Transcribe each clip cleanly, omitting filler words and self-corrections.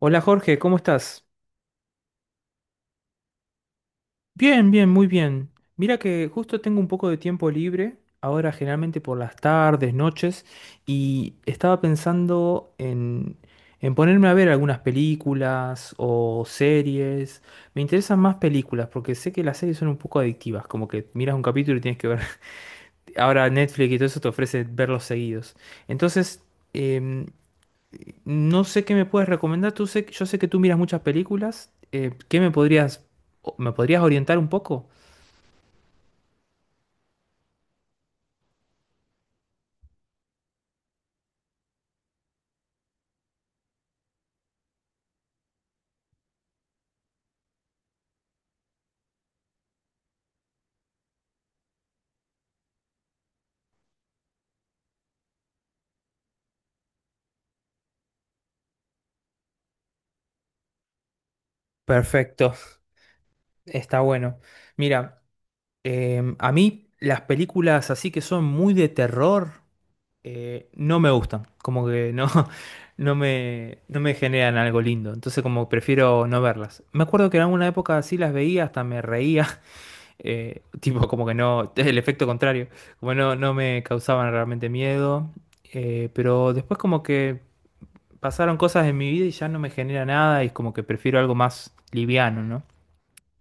Hola Jorge, ¿cómo estás? Bien, muy bien. Mira que justo tengo un poco de tiempo libre, ahora generalmente por las tardes, noches, y estaba pensando en ponerme a ver algunas películas o series. Me interesan más películas porque sé que las series son un poco adictivas, como que miras un capítulo y tienes que ver. Ahora Netflix y todo eso te ofrece verlos seguidos. Entonces, em, no sé qué me puedes recomendar. Yo sé que tú miras muchas películas. ¿Qué me podrías, me podrías orientar un poco? Perfecto, está bueno. Mira, a mí las películas así que son muy de terror no me gustan. Como que no, no me generan algo lindo. Entonces como prefiero no verlas. Me acuerdo que en alguna época así las veía, hasta me reía. Tipo, como que no, el efecto contrario, como no, no me causaban realmente miedo, pero después como que pasaron cosas en mi vida y ya no me genera nada y es como que prefiero algo más liviano, ¿no?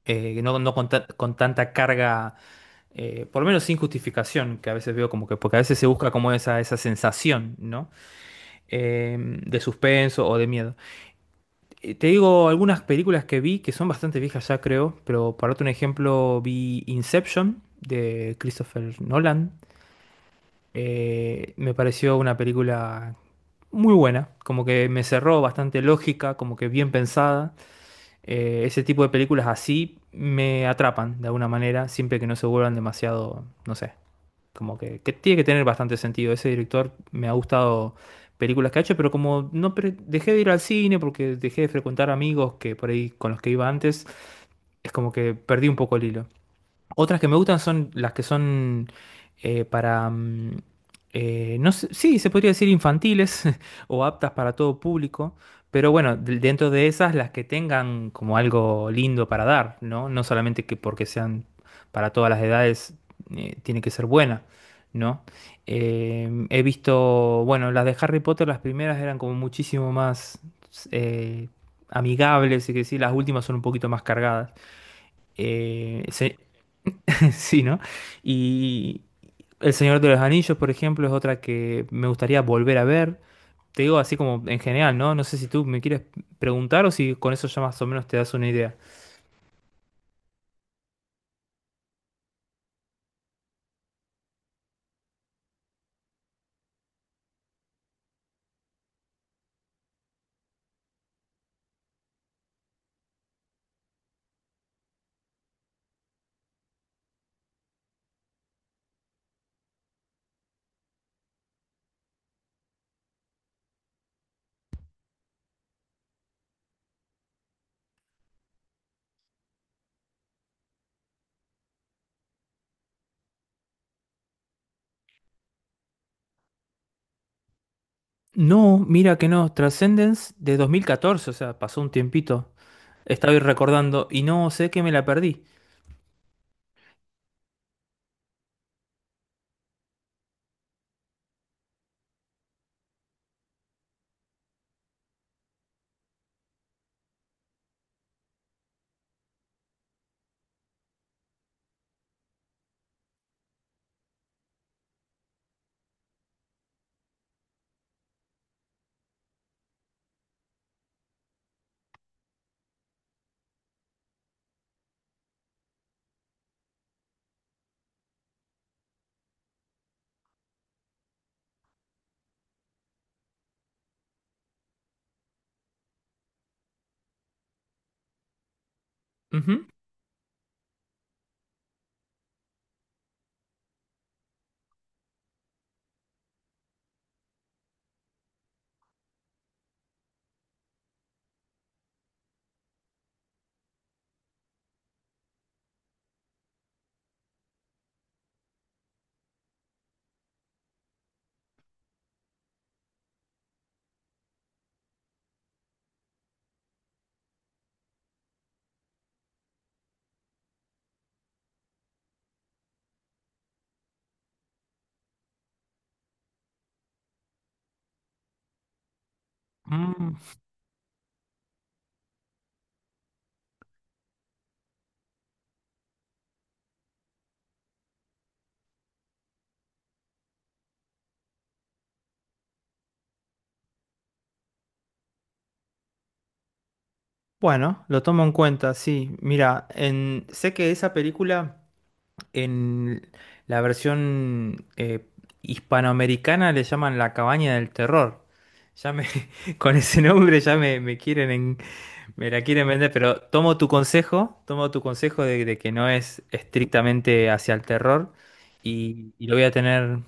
Que no con tanta carga, por lo menos sin justificación, que a veces veo como que, porque a veces se busca como esa sensación, ¿no? De suspenso o de miedo. Te digo algunas películas que vi que son bastante viejas ya, creo, pero para otro ejemplo vi Inception de Christopher Nolan. Me pareció una película muy buena, como que me cerró bastante lógica, como que bien pensada. Ese tipo de películas así me atrapan de alguna manera, siempre que no se vuelvan demasiado, no sé, como que tiene que tener bastante sentido. Ese director me ha gustado películas que ha hecho, pero como no pre- dejé de ir al cine porque dejé de frecuentar amigos que por ahí con los que iba antes, es como que perdí un poco el hilo. Otras que me gustan son las que son para, no sé, sí, se podría decir infantiles o aptas para todo público, pero bueno, dentro de esas las que tengan como algo lindo para dar, ¿no? No solamente que porque sean para todas las edades tiene que ser buena, ¿no? He visto, bueno, las de Harry Potter, las primeras eran como muchísimo más eh, amigables, y que sí, las últimas son un poquito más cargadas. Eh, se- sí, ¿no? Y El Señor de los Anillos, por ejemplo, es otra que me gustaría volver a ver. Te digo así como en general, ¿no? No sé si tú me quieres preguntar o si con eso ya más o menos te das una idea. No, mira que no. Transcendence de 2014, o sea, pasó un tiempito. Estaba recordando y no sé que me la perdí. Ujú. Mm, bueno, lo tomo en cuenta, sí. Mira, en... sé que esa película. En la versión hispanoamericana le llaman La Cabaña del Terror. Ya me, con ese nombre ya me quieren me la quieren vender, pero tomo tu consejo de que no es estrictamente hacia el terror y lo voy a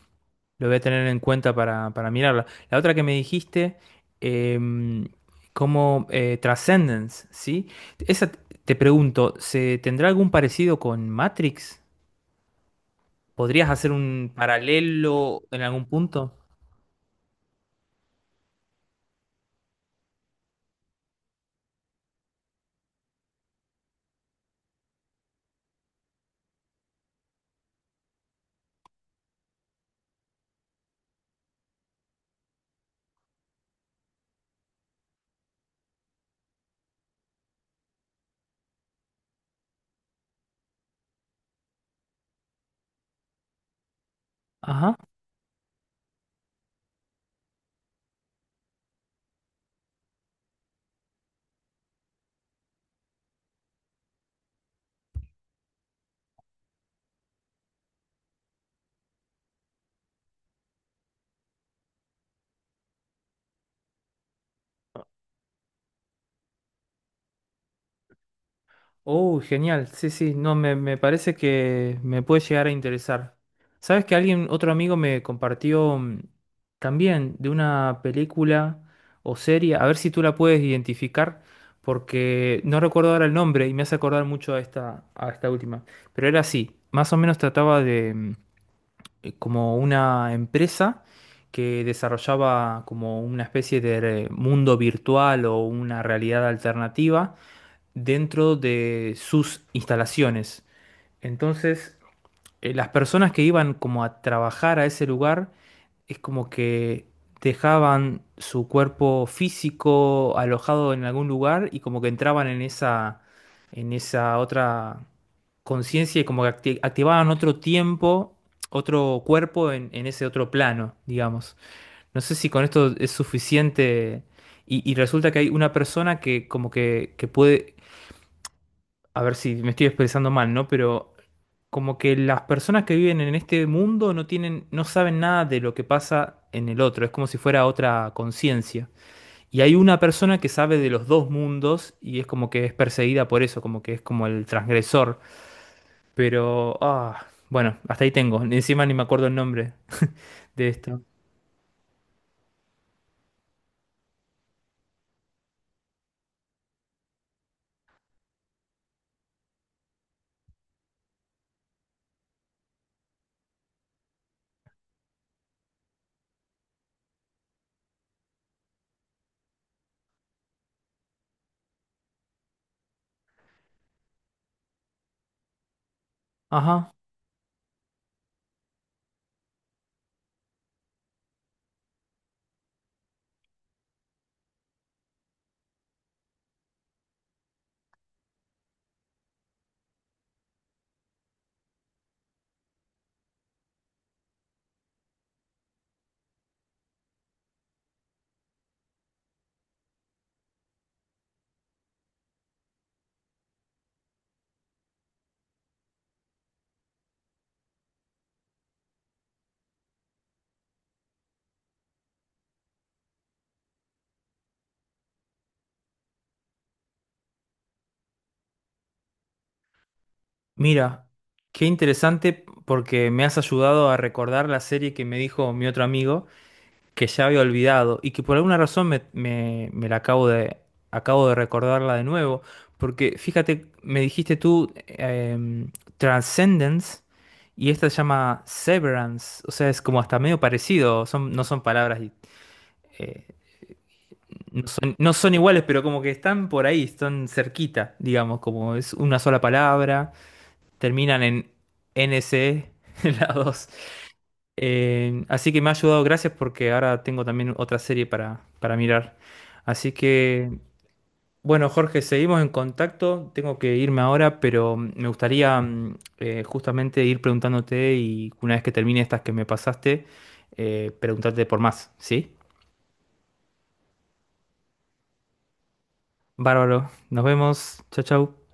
lo voy a tener en cuenta para mirarla. La otra que me dijiste, em, como Transcendence, ¿sí? Esa, t- Te pregunto, ¿se tendrá algún parecido con Matrix? ¿Podrías hacer un paralelo en algún punto? Ajá. Oh, genial. Sí, sí. No, me parece que me puede llegar a interesar. ¿Sabes que alguien, otro amigo me compartió también de una película o serie? A ver si tú la puedes identificar, porque no recuerdo ahora el nombre y me hace acordar mucho a esta última. Pero era así. Más o menos trataba de como una empresa que desarrollaba como una especie de mundo virtual o una realidad alternativa dentro de sus instalaciones. Entonces, las personas que iban como a trabajar a ese lugar es como que dejaban su cuerpo físico alojado en algún lugar y como que entraban en esa otra conciencia y como que activaban otro tiempo, otro cuerpo en ese otro plano, digamos. No sé si con esto es suficiente y resulta que hay una persona que como que puede a ver si me estoy expresando mal, ¿no? Pero como que las personas que viven en este mundo no tienen, no saben nada de lo que pasa en el otro, es como si fuera otra conciencia. Y hay una persona que sabe de los dos mundos y es como que es perseguida por eso, como que es como el transgresor. Pero, ah, bueno, hasta ahí tengo, ni encima ni me acuerdo el nombre de esto. Ajá, mira, qué interesante porque me has ayudado a recordar la serie que me dijo mi otro amigo. Que ya había olvidado y que por alguna razón me la acabo acabo de recordarla de nuevo, porque fíjate, me dijiste tú Transcendence y esta se llama Severance, o sea, es como hasta medio parecido, son, no son palabras, eh, no son, no son iguales, pero como que están por ahí, están cerquita, digamos, como es una sola palabra, terminan en NC, las dos. Así que me ha ayudado, gracias, porque ahora tengo también otra serie para mirar. Así que, bueno, Jorge, seguimos en contacto. Tengo que irme ahora, pero me gustaría justamente ir preguntándote y una vez que termine estas que me pasaste, preguntarte por más, ¿sí? Bárbaro, nos vemos. Chau, chau.